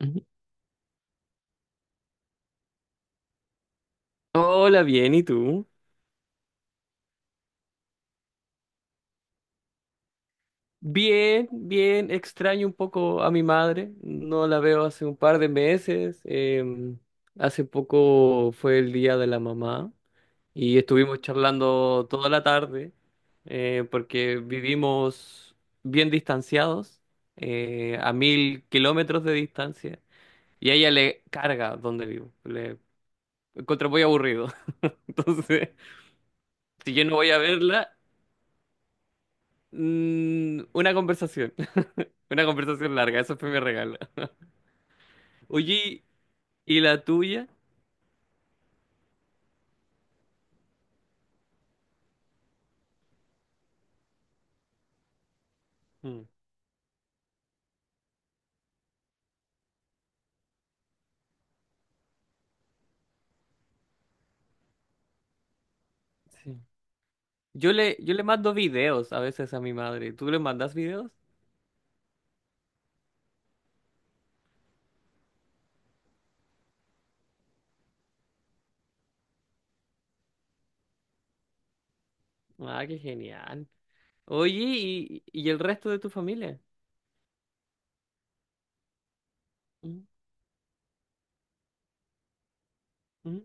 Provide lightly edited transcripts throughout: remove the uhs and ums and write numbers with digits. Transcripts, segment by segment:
Ujú. Hola, bien, ¿y tú? Bien, bien, extraño un poco a mi madre, no la veo hace un par de meses, hace poco fue el día de la mamá y estuvimos charlando toda la tarde, porque vivimos bien distanciados, a 1.000 kilómetros de distancia. Y a ella le carga donde vivo, le encuentro muy aburrido, entonces si yo no voy a verla, una conversación. Una conversación larga, eso fue mi regalo. Oye, ¿y la tuya? Mm, sí. Yo le mando videos a veces a mi madre. ¿Tú le mandas videos? Ah, qué genial. Oye, ¿y el resto de tu familia? Mm, mm,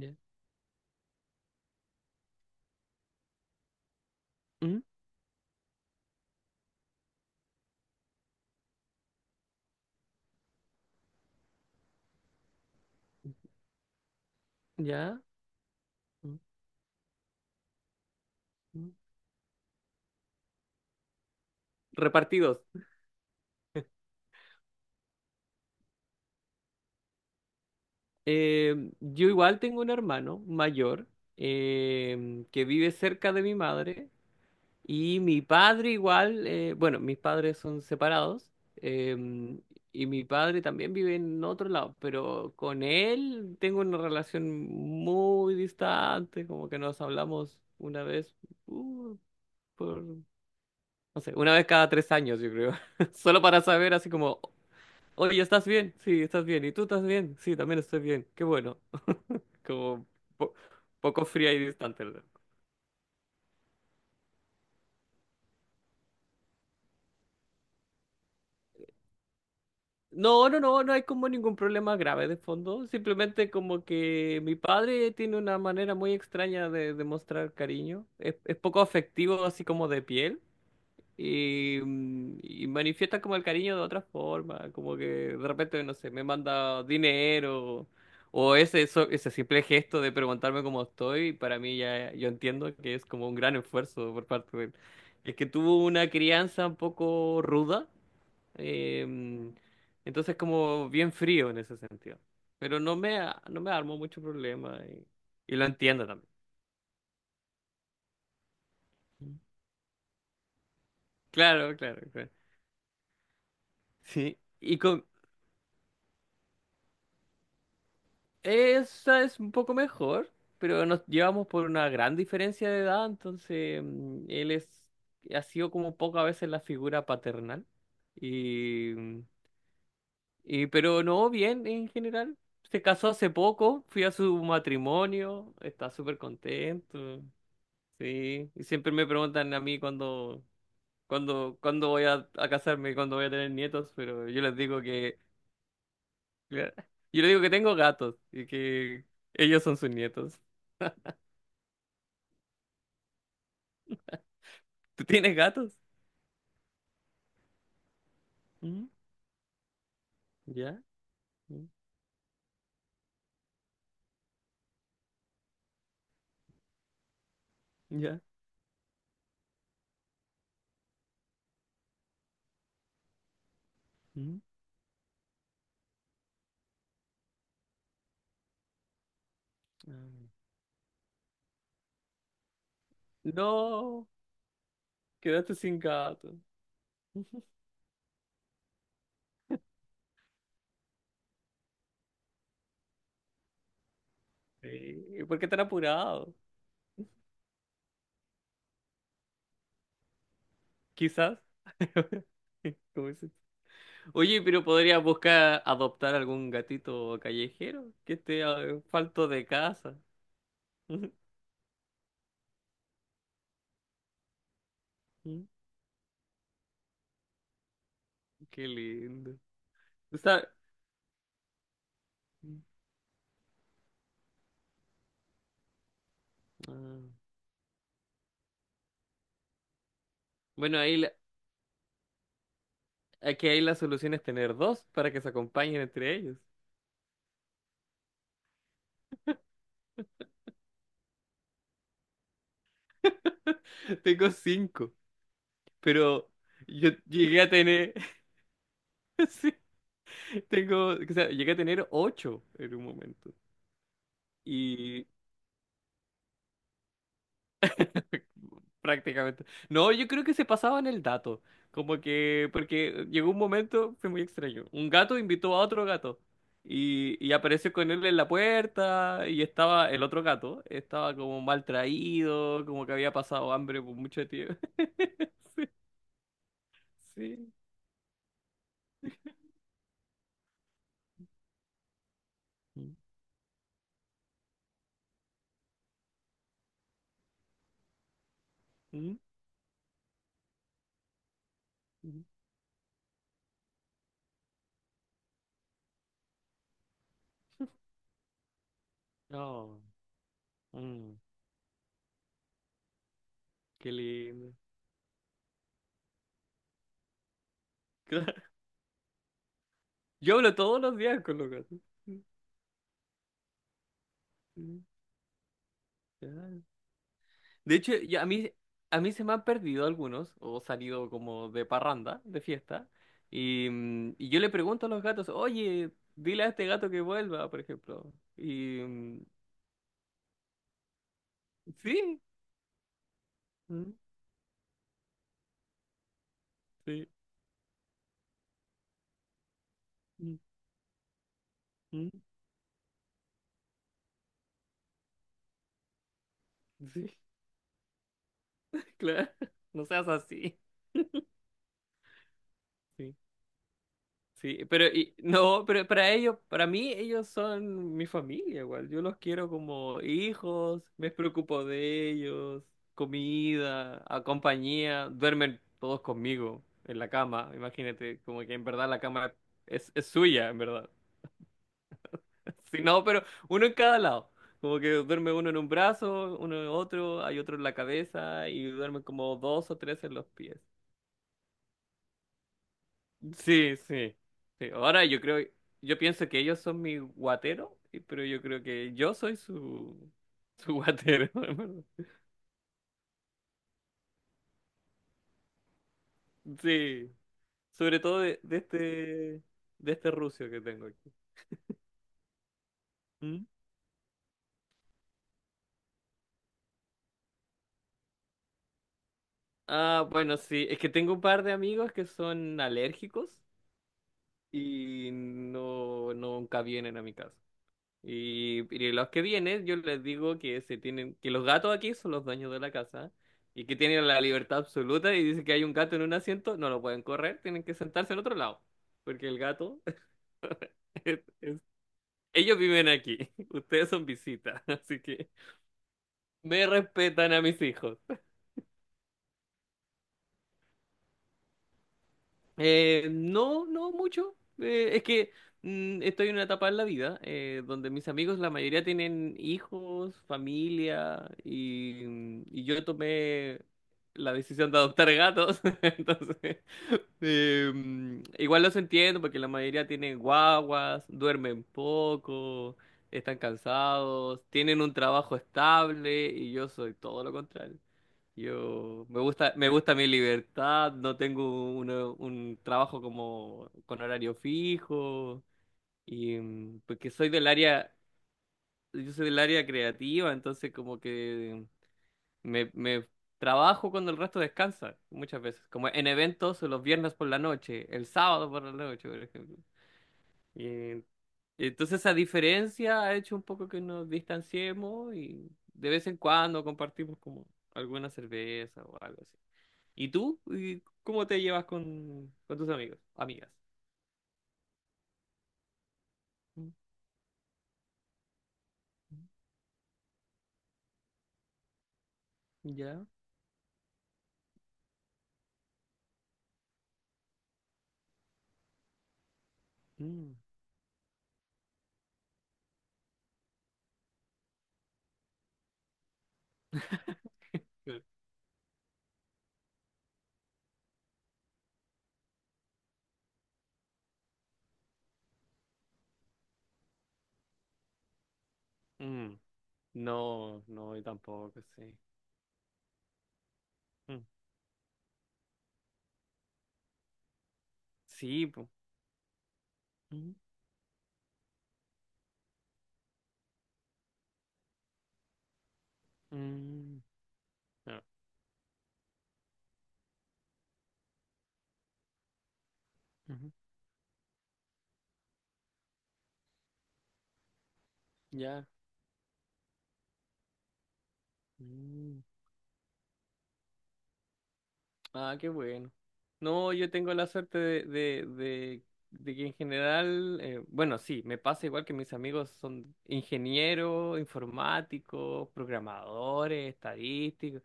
ya. Mm, ya, mm, mm. Repartidos. Yo igual tengo un hermano mayor, que vive cerca de mi madre. Y mi padre igual, bueno, mis padres son separados, eh, y mi padre también vive en otro lado, pero con él tengo una relación muy distante, como que nos hablamos una vez, uh, por, no sé, una vez cada 3 años, yo creo, solo para saber así como, oye, ¿estás bien? Sí, estás bien, ¿y tú estás bien? Sí, también estoy bien, qué bueno, como po- poco fría y distante. No, no, no, no hay como ningún problema grave de fondo. Simplemente como que mi padre tiene una manera muy extraña de mostrar cariño. Es poco afectivo, así como de piel. Y manifiesta como el cariño de otra forma. Como que de repente, no sé, me manda dinero. O ese simple gesto de preguntarme cómo estoy, para mí ya yo entiendo que es como un gran esfuerzo por parte de él. Es que tuvo una crianza un poco ruda. Em, entonces como bien frío en ese sentido. Pero no me armo mucho problema y lo entiendo también. Claro, claro, claro. Sí. Y con esa es un poco mejor, pero nos llevamos por una gran diferencia de edad, entonces ha sido como pocas veces la figura paternal. Y, em, y pero no, bien en general. Se casó hace poco, fui a su matrimonio, está súper contento. Sí, y siempre me preguntan a mí cuándo voy a casarme, cuándo voy a tener nietos, pero yo les digo que tengo gatos y que ellos son sus nietos. ¿Tú tienes gatos? Mm, ¿ya? Mm, ¿ya? Mm. Ah. No, quedaste sin gato. Sí, ¿y por qué tan apurado? Quizás. ¿Cómo dices? Oye, pero podrías buscar adoptar algún gatito callejero que esté, falto de casa. Mm, qué lindo. Está. Ah. Bueno, aquí hay, la solución es tener dos para que se acompañen entre ellos. Tengo cinco, pero yo llegué a tener, sí, o sea, llegué a tener ocho en un momento. Y prácticamente. No, yo creo que se pasaban el dato. Como que, porque llegó un momento, fue muy extraño. Un gato invitó a otro gato y apareció con él en la puerta, y estaba el otro gato, estaba como mal traído, como que había pasado hambre por mucho tiempo. Sí, sí. Mm, mm. Mm. Oh, mm, qué lindo. Yo hablo todos los días con los gatos. Mm, mm. Ya. De hecho, ya a mí se me han perdido algunos, o salido como de parranda, de fiesta, y yo le pregunto a los gatos, oye, dile a este gato que vuelva, por ejemplo. Y mm, sí, mm, sí, mm, mm, sí, claro, no seas así. Sí. Sí, pero no, pero para ellos, para mí ellos son mi familia igual. Yo los quiero como hijos, me preocupo de ellos, comida, a compañía, duermen todos conmigo en la cama. Imagínate, como que en verdad la cama es suya, en verdad. Si no, pero uno en cada lado. Como que duerme uno en un brazo, uno en otro, hay otro en la cabeza y duermen como dos o tres en los pies. Sí, sí, sí. Ahora yo pienso que ellos son mi guatero, pero yo creo que yo soy su guatero, en verdad. Sí, sobre todo de este rucio que tengo aquí. ¿Mm? Ah, bueno, sí, es que tengo un par de amigos que son alérgicos y no, nunca vienen a mi casa. Y los que vienen, yo les digo que los gatos aquí son los dueños de la casa y que tienen la libertad absoluta, y dicen que hay un gato en un asiento, no lo pueden correr, tienen que sentarse en otro lado, porque el gato, ellos viven aquí, ustedes son visitas, así que me respetan a mis hijos. No, no mucho. Es que estoy en una etapa en la vida, donde mis amigos, la mayoría tienen hijos, familia, y yo tomé la decisión de adoptar gatos. Entonces, igual los entiendo porque la mayoría tienen guaguas, duermen poco, están cansados, tienen un trabajo estable, y yo soy todo lo contrario. Yo me gusta mi libertad, no tengo un trabajo como con horario fijo, y porque soy del área, yo soy del área creativa. Entonces como que me trabajo cuando el resto descansa muchas veces, como en eventos los viernes por la noche, el sábado por la noche, por ejemplo. Y entonces esa diferencia ha hecho un poco que nos distanciemos, y de vez en cuando compartimos como alguna cerveza o algo así. ¿Y tú? ¿Y cómo te llevas con tus amigos? Amigas. Mm, mm, ¿ya? Mm. Mm, no, no, yo tampoco, sí. Mm, sí, po. Mm, mm, ah, ujú, ya. Mm. Ah, qué bueno. No, yo tengo la suerte de que en general, bueno, sí, me pasa igual que mis amigos son ingenieros, informáticos, programadores, estadísticos,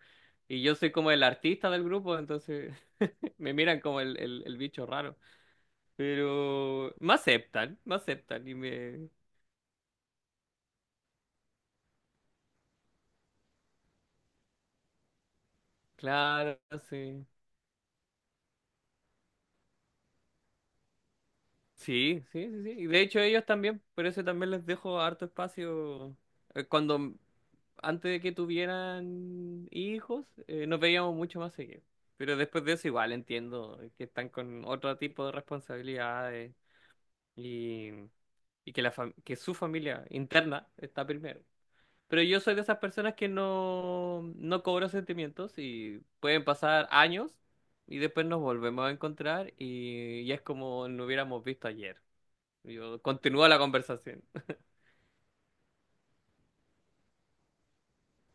y yo soy como el artista del grupo, entonces me miran como el bicho raro, pero me aceptan y me. Claro, sí. Sí, sí, sí, sí. Y de hecho ellos también, por eso también les dejo harto espacio. Eh, Cuando, antes de que tuvieran hijos, nos veíamos mucho más seguido. Pero después de eso igual entiendo que están con otro tipo de responsabilidades, y, y que su familia interna está primero. Pero yo soy de esas personas que no cobro sentimientos, y pueden pasar años y después nos volvemos a encontrar y es como no hubiéramos visto ayer. Yo continúo la conversación.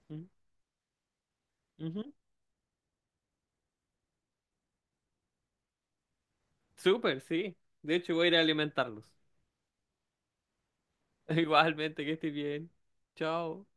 Ujú, ujú. Súper, sí. De hecho, voy a ir a alimentarlos. Igualmente, que estés bien. Chao.